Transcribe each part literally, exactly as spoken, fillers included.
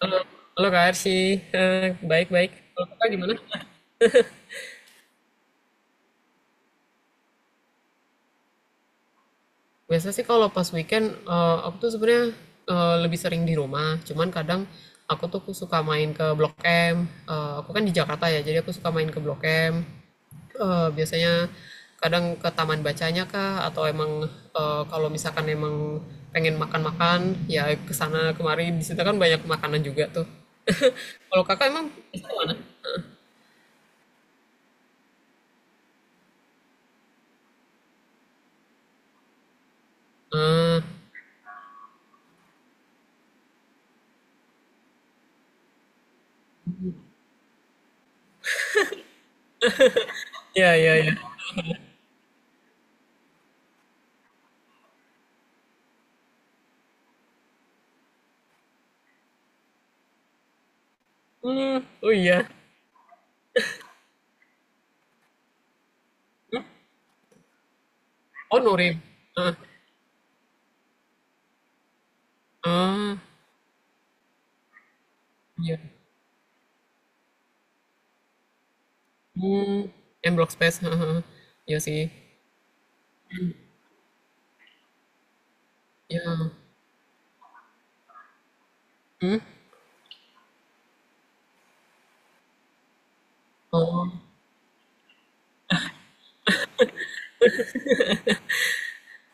Halo, halo Kak Arsi. Eh, Baik-baik. Kalau Kakak gimana? Biasa sih kalau pas weekend, eh, aku tuh sebenarnya eh, lebih sering di rumah. Cuman kadang aku tuh suka main ke Blok M. Eh, aku kan di Jakarta ya, jadi aku suka main ke Blok M. Eh, biasanya kadang ke taman bacanya kah, atau emang eh, kalau misalkan emang pengen makan-makan, ya ke sana kemari. Di situ kan banyak makanan juga tuh. Kalau kakak emang, eh, ya, ya, ya. Hmm, oh iya. Oh, Nurib. Heeh. Ah, iya. Hmm, M Block Space, heeh, heeh. Iya sih. Iya. Oh.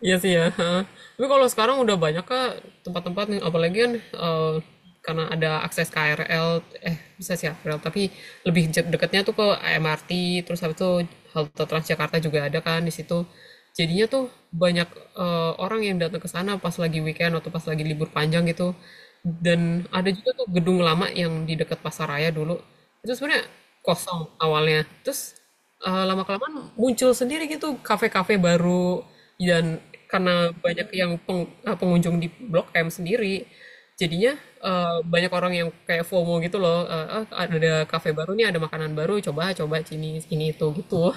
Iya sih ya, heeh. Tapi kalau sekarang udah banyak kak tempat-tempat nih, apalagi kan eh, karena ada akses K R L, eh bisa sih K R L, tapi lebih je- dekatnya tuh ke M R T, terus habis itu halte Transjakarta juga ada kan di situ. Jadinya tuh banyak eh, orang yang datang ke sana pas lagi weekend atau pas lagi libur panjang gitu. Dan ada juga tuh gedung lama yang di dekat Pasaraya dulu. Itu sebenarnya kosong awalnya. Terus eh, lama kelamaan muncul sendiri gitu kafe-kafe baru dan karena banyak yang peng- eh, pengunjung di Blok M sendiri jadinya eh, banyak orang yang kayak FOMO gitu loh eh, ah, ada kafe baru nih ada makanan baru coba coba sini ini itu gitu.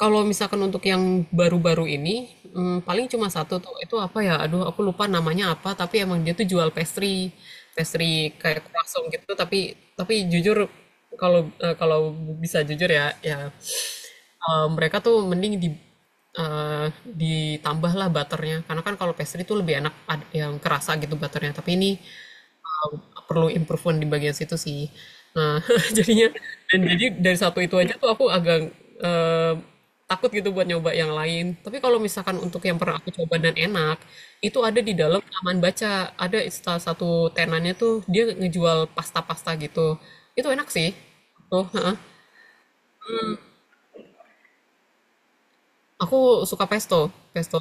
Kalau misalkan untuk yang baru-baru ini, mmm, paling cuma satu tuh, itu apa ya, aduh aku lupa namanya apa, tapi emang dia tuh jual pastry, pastry kayak croissant gitu, tapi tapi jujur kalau, eee, kalau bisa jujur ya, ya, eee, mereka tuh mending di eee, ditambahlah butternya, karena kan kalau pastry tuh lebih enak ad yang kerasa gitu butternya, tapi ini um, perlu improvement di bagian situ sih. Nah, jadinya dan jadi dari satu itu aja tuh aku agak eh, takut gitu buat nyoba yang lain. Tapi kalau misalkan untuk yang pernah aku coba dan enak, itu ada di dalam taman baca. Ada salah satu tenannya tuh dia ngejual pasta-pasta gitu. Itu enak sih. Tuh, heeh. Aku suka pesto. Pesto,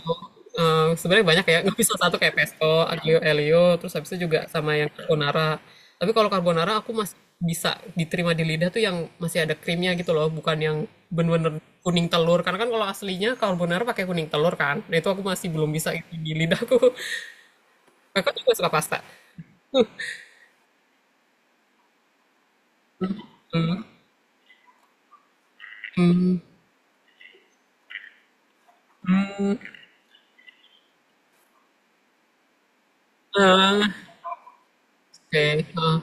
eee, sebenarnya banyak ya, nggak bisa satu kayak pesto, aglio elio terus habis itu juga sama yang carbonara. Tapi kalau carbonara aku masih bisa diterima di lidah tuh yang masih ada krimnya gitu loh, bukan yang bener-bener kuning telur. Karena kan kalau aslinya carbonara pakai kuning telur kan. Nah, itu aku masih belum bisa itu di lidahku. Kakak juga suka pasta? Mmm, eee, oke, heeh.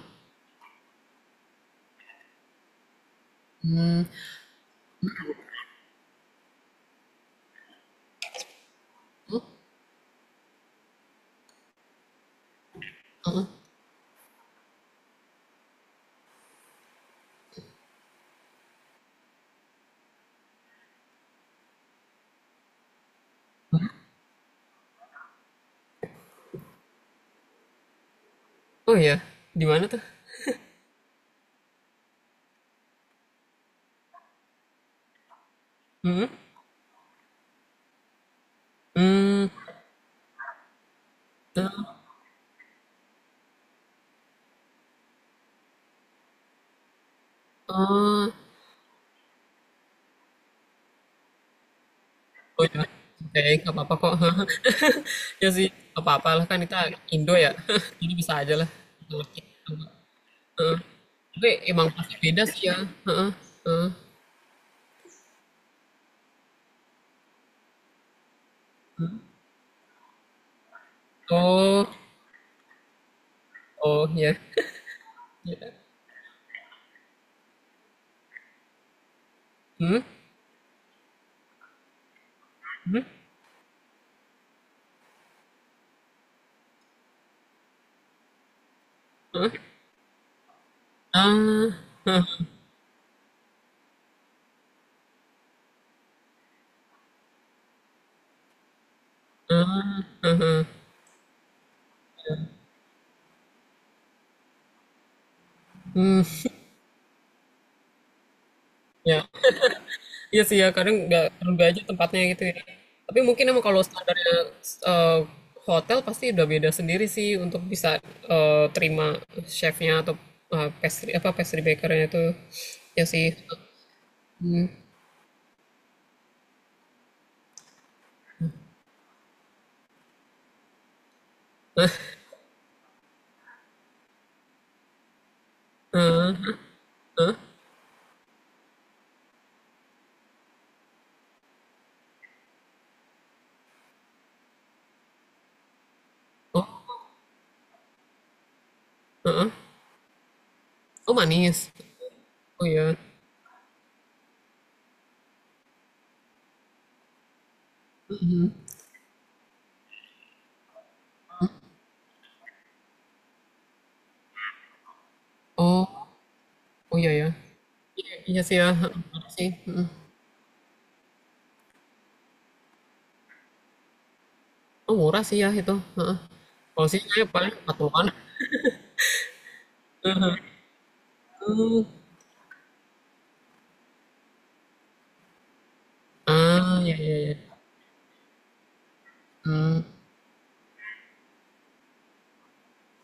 Oh, iya? Di mana tuh? Mhm? Mmm, eee, oh. Oh ya, oke nggak apa-apa kok. Ya sih, nggak apa-apa lah kan kita Indo ya. Jadi bisa aja lah. Heeh. Tapi emang pasti beda sih ya. Heeh, heeh. Oh, oh ya. Hmm? Ah, hah, ya. Iya sih ya, kadang nggak terduga aja tempatnya gitu ya. Tapi mungkin emang kalau standarnya eh, hotel pasti udah beda sendiri sih untuk bisa eh, terima chefnya atau eh, pastry apa pastry bakernya itu. Ya sih. Heeh. Oh manis. Oh ya, oh oh iya ya, iya iya sih ya, heeh, murah sih, mhm, oh murah sih ya itu, heeh, kalau sini saya paling patungan, mmm, ah, iya, iya, iya, mmm,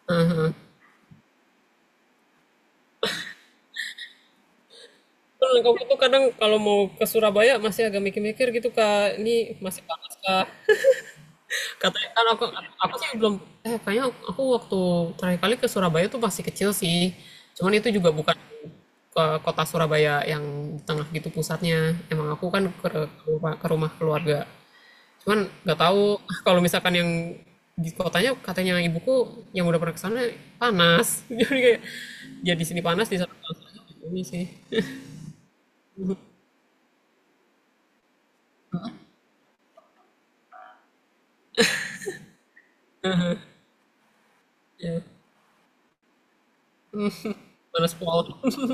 heeh, heeh. Bener, kamu tuh kadang kalau mau ke Surabaya masih agak mikir-mikir gitu, Kak, ini masih panas kah? Katanya kan aku aku sih belum eh, kayaknya aku waktu terakhir kali ke Surabaya tuh masih kecil sih, cuman itu juga bukan ke kota Surabaya yang di tengah gitu pusatnya, emang aku kan ke ke rumah ke rumah keluarga. Cuman nggak tahu kalau misalkan yang di kotanya katanya ibuku yang udah pernah ke sana panas. Jadi kayak ya di sini panas di sana panas ini sih. Panas pulau.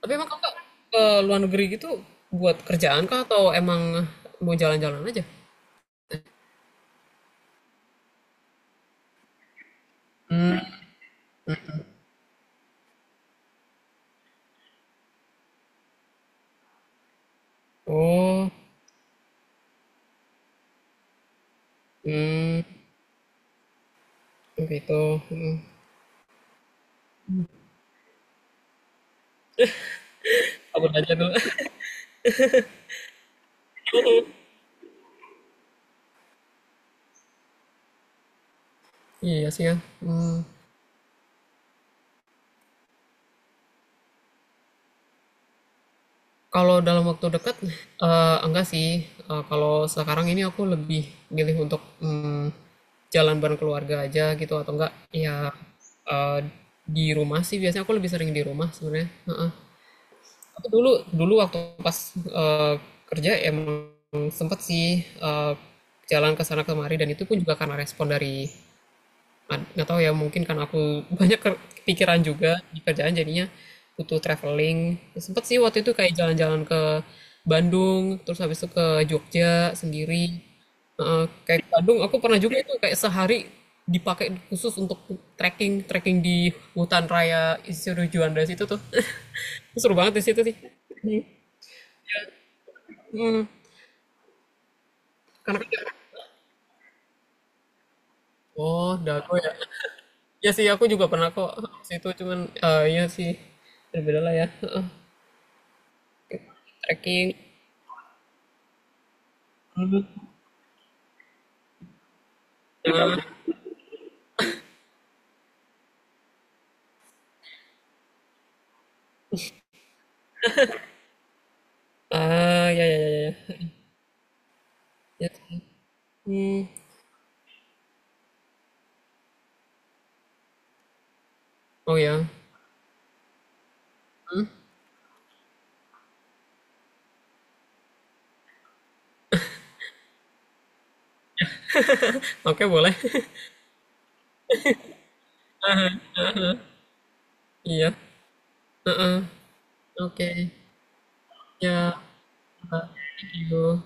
Tapi emang kakak ke luar negeri gitu buat kerjaan kah atau emang mau jalan-jalan aja? Oh, hmm, gitu. Hmm. Aku belajar dulu. Iya sih ya. Hmm. Kalau dalam waktu dekat, eee, enggak sih, eee, kalau sekarang ini aku lebih milih untuk, mmm, jalan bareng keluarga aja gitu atau enggak ya, eee, di rumah sih biasanya aku lebih sering di rumah sebenarnya, heeh. Aku dulu dulu waktu pas, eee, kerja emang sempet sih, eee, jalan ke sana kemari dan itu pun juga karena respon dari An- nggak tahu ya mungkin kan aku banyak pikiran juga di kerjaan jadinya butuh traveling sempet sih waktu itu kayak jalan-jalan ke Bandung terus habis itu ke Jogja sendiri. Eh, kayak ke Bandung aku pernah juga itu kayak sehari dipakai khusus untuk trekking trekking di hutan raya Insinyur Juanda situ tuh. Seru banget di situ sih karena kan- oh dago ya, ya sih aku juga pernah kok situ cuman eh, iya sih berbeda lah ya. Heeh. Trekking. Ah, ya ya ya ya. Ya. Hmm. Oh ya. Oke, boleh. Iya. Heeh. Oke. Ya. Thank you.